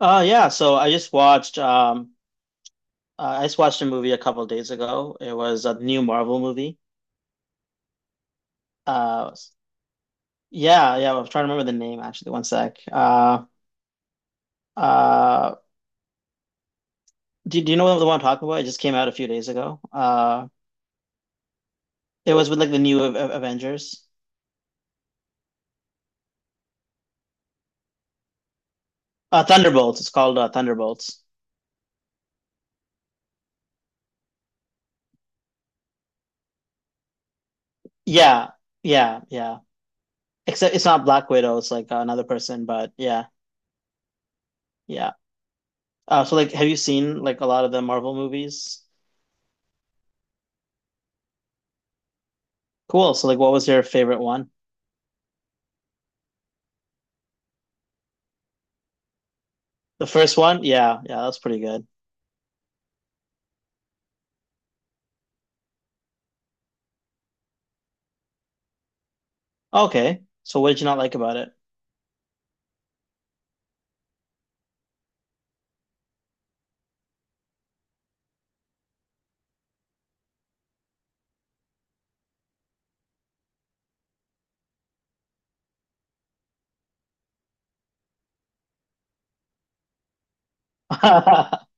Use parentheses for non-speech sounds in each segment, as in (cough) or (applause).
Yeah, so I just watched a movie a couple of days ago. It was a new Marvel movie. Uh yeah, I'm trying to remember the name actually. One sec. Uh do you know the one I'm talking about? It just came out a few days ago. It was with like the new Avengers. Thunderbolts. It's called Thunderbolts. Yeah. Yeah, yeah. Except it's not Black Widow, it's like another person, but yeah. Yeah. So like have you seen like a lot of the Marvel movies? Cool. So like what was your favorite one? The first one? Yeah, yeah, that's pretty good. Okay. So what did you not like about it? (laughs)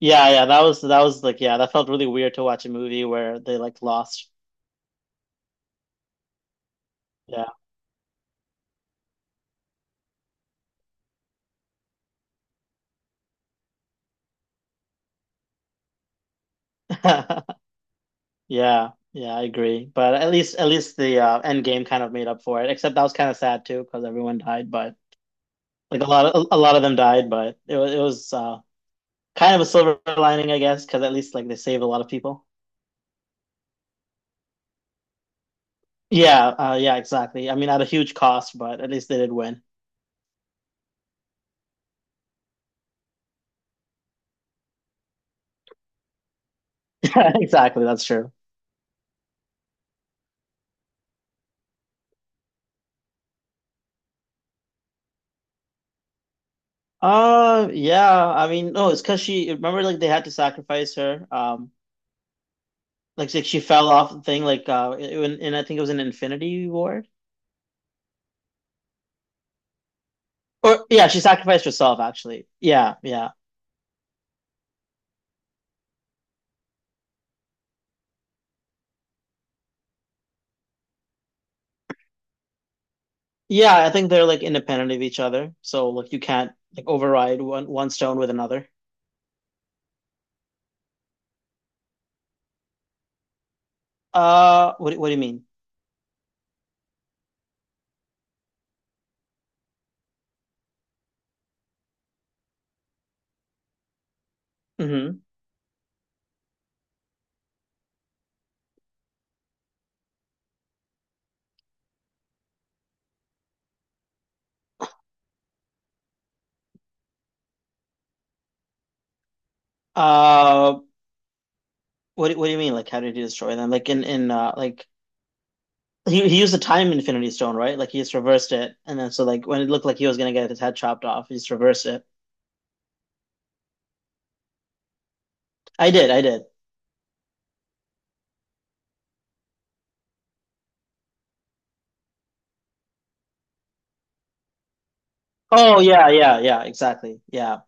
Yeah, yeah, that was like yeah, that felt really weird to watch a movie where they like lost. Yeah. (laughs) Yeah. Yeah, I agree. But at least the end game kind of made up for it. Except that was kind of sad too because everyone died, but like a lot of them died, but it was kind of a silver lining, I guess, because at least like they saved a lot of people. Yeah, exactly. I mean, at a huge cost, but at least they did win. (laughs) Exactly, that's true. Yeah. I mean, no, it's because she remember like they had to sacrifice her. Like she fell off the thing. Like, in I think it was an Infinity Ward. Or yeah, she sacrificed herself actually. Yeah, yeah. I think they're like independent of each other. So like you can't like override one stone with another. What do you mean? Mm-hmm. Uh, what do you mean? Like, how did he destroy them? Like in like. He used the time infinity stone, right? Like he just reversed it, and then so like when it looked like he was gonna get his head chopped off, he just reversed it. I did. Oh yeah, exactly. Yeah.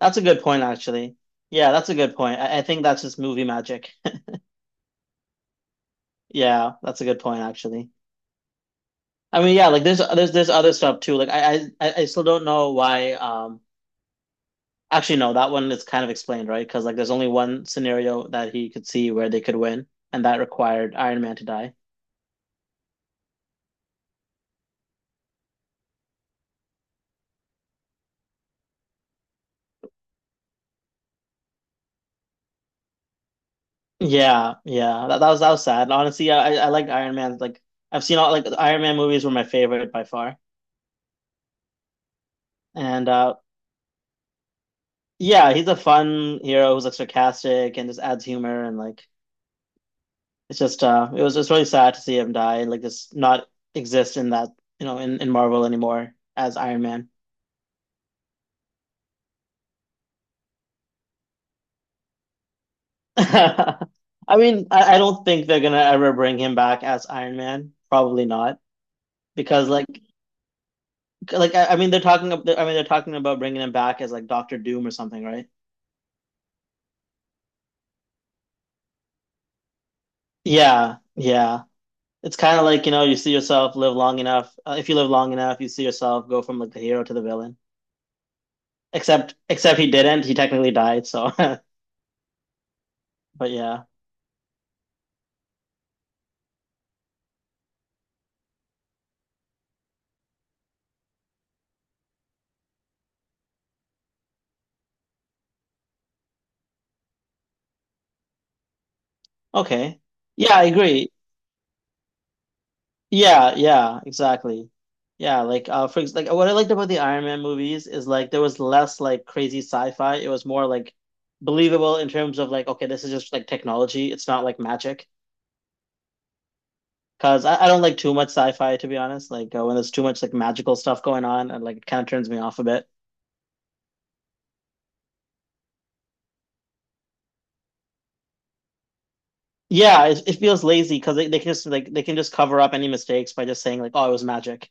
That's a good point actually. Yeah, that's a good point. I think that's just movie magic. (laughs) Yeah, that's a good point actually. I mean, yeah, like there's other stuff too. Like I still don't know why actually no, that one is kind of explained, right? Because like there's only one scenario that he could see where they could win, and that required Iron Man to die. Yeah, yeah. That was that was sad. Honestly, yeah, I like Iron Man. Like I've seen all like Iron Man movies were my favorite by far. And yeah, he's a fun hero who's like sarcastic and just adds humor and like it's just it was just really sad to see him die and like just not exist in that you know in Marvel anymore as Iron Man. (laughs) I mean, I don't think they're gonna ever bring him back as Iron Man. Probably not because like I mean they're talking about bringing him back as like Doctor Doom or something, right? Yeah, yeah. It's kind of like, you know, you see yourself live long enough. If you live long enough, you see yourself go from like the hero to the villain. Except he didn't. He technically died, so (laughs) but yeah. Okay. Yeah, I agree. Yeah, yeah, exactly. Yeah, like like what I liked about the Iron Man movies is like there was less like crazy sci-fi. It was more like believable in terms of like okay, this is just like technology. It's not like magic. 'Cause I don't like too much sci-fi to be honest. Like when there's too much like magical stuff going on and like it kind of turns me off a bit. Yeah, it feels lazy because they can just like they can just cover up any mistakes by just saying like oh it was magic.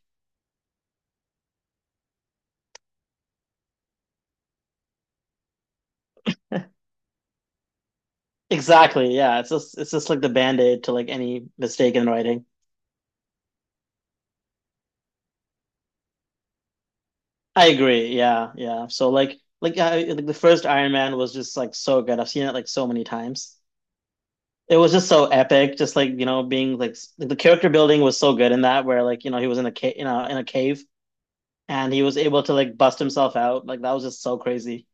Exactly. Yeah. It's just like the band-aid to like any mistake in writing. I agree. Yeah. Yeah. So like like the first Iron Man was just like so good. I've seen it like so many times. It was just so epic. Just like you know being like, the character building was so good in that where like you know he was in a cave you know in a cave and he was able to like bust himself out. Like that was just so crazy.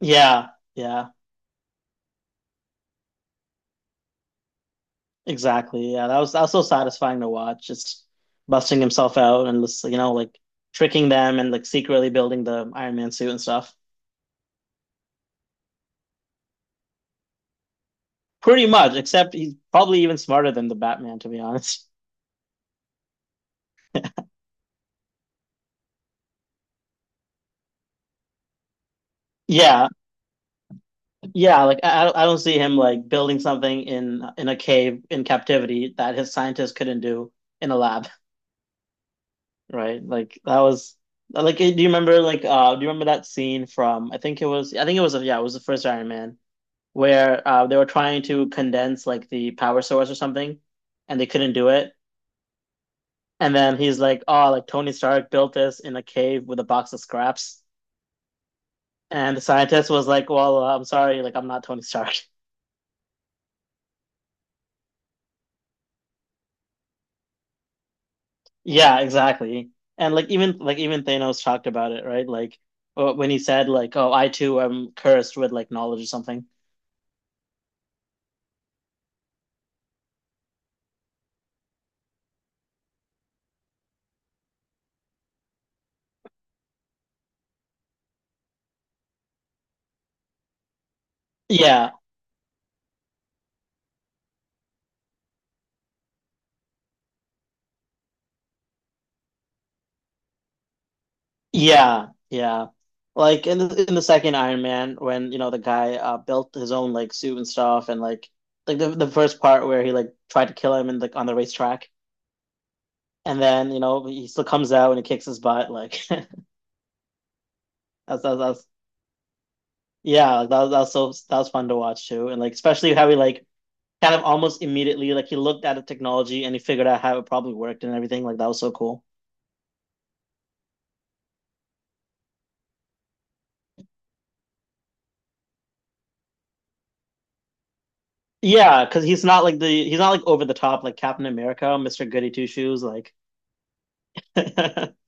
Yeah. Yeah. Exactly. Yeah, that was so satisfying to watch. Just busting himself out and just, you know, like tricking them and like secretly building the Iron Man suit and stuff. Pretty much, except he's probably even smarter than the Batman, to be honest. (laughs) Yeah, yeah. Like I don't see him like building something in a cave in captivity that his scientists couldn't do in a lab, (laughs) right? Like that was like. Do you remember like do you remember that scene from? I think it was. Yeah, it was the first Iron Man where they were trying to condense like the power source or something, and they couldn't do it. And then he's like, "Oh, like Tony Stark built this in a cave with a box of scraps." And the scientist was like, "Well, I'm sorry, like I'm not Tony Stark." (laughs) Yeah, exactly. And like even Thanos talked about it, right? Like when he said like, "Oh, I too am cursed with like knowledge or something." Yeah, Yeah, yeah. Like in the second Iron Man, when you know the guy built his own like suit and stuff, and like the first part where he like tried to kill him and like on the racetrack, and then you know he still comes out and he kicks his butt. Like (laughs) that's that's yeah, that was so that was fun to watch too, and like especially how he like kind of almost immediately like he looked at the technology and he figured out how it probably worked and everything. Like that was so cool. Yeah, because he's not like the he's not like over the top like Captain America, Mr. Goody Two Shoes, like. (laughs)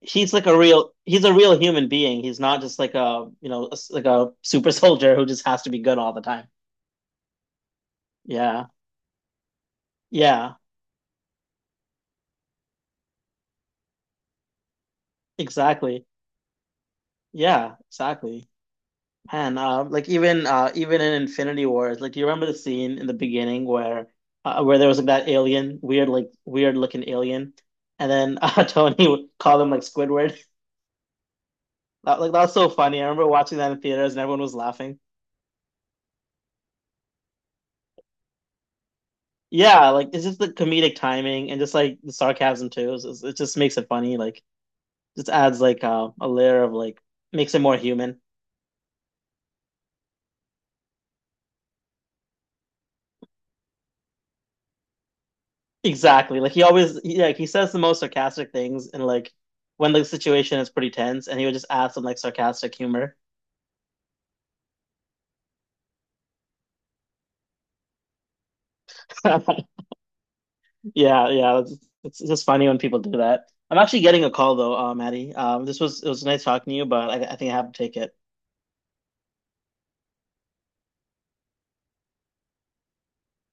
He's like a real he's a real human being. He's not just like a you know like a super (laughs) soldier who just has to be good all the time. Yeah, yeah, exactly. Yeah, exactly. Man, like even in Infinity Wars, like do you remember the scene in the beginning where there was like that alien, weird looking alien, and then (laughs) Tony would call him like Squidward. That, like that was so funny. I remember watching that in theaters and everyone was laughing. Yeah, like it's just the comedic timing and just like the sarcasm too. It just makes it funny. Like just adds like a layer of like makes it more human. Exactly. Like like he says the most sarcastic things and like when the situation is pretty tense and he would just add some like sarcastic humor. (laughs) Yeah, yeah. It's just funny when people do that. I'm actually getting a call though, Maddie. This was It was nice talking to you, but I think I have to take it.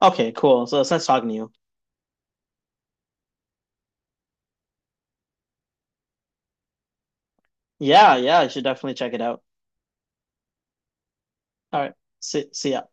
Okay, cool. So it's nice talking to you. Yeah, yeah. I should definitely check it out. All right. See ya.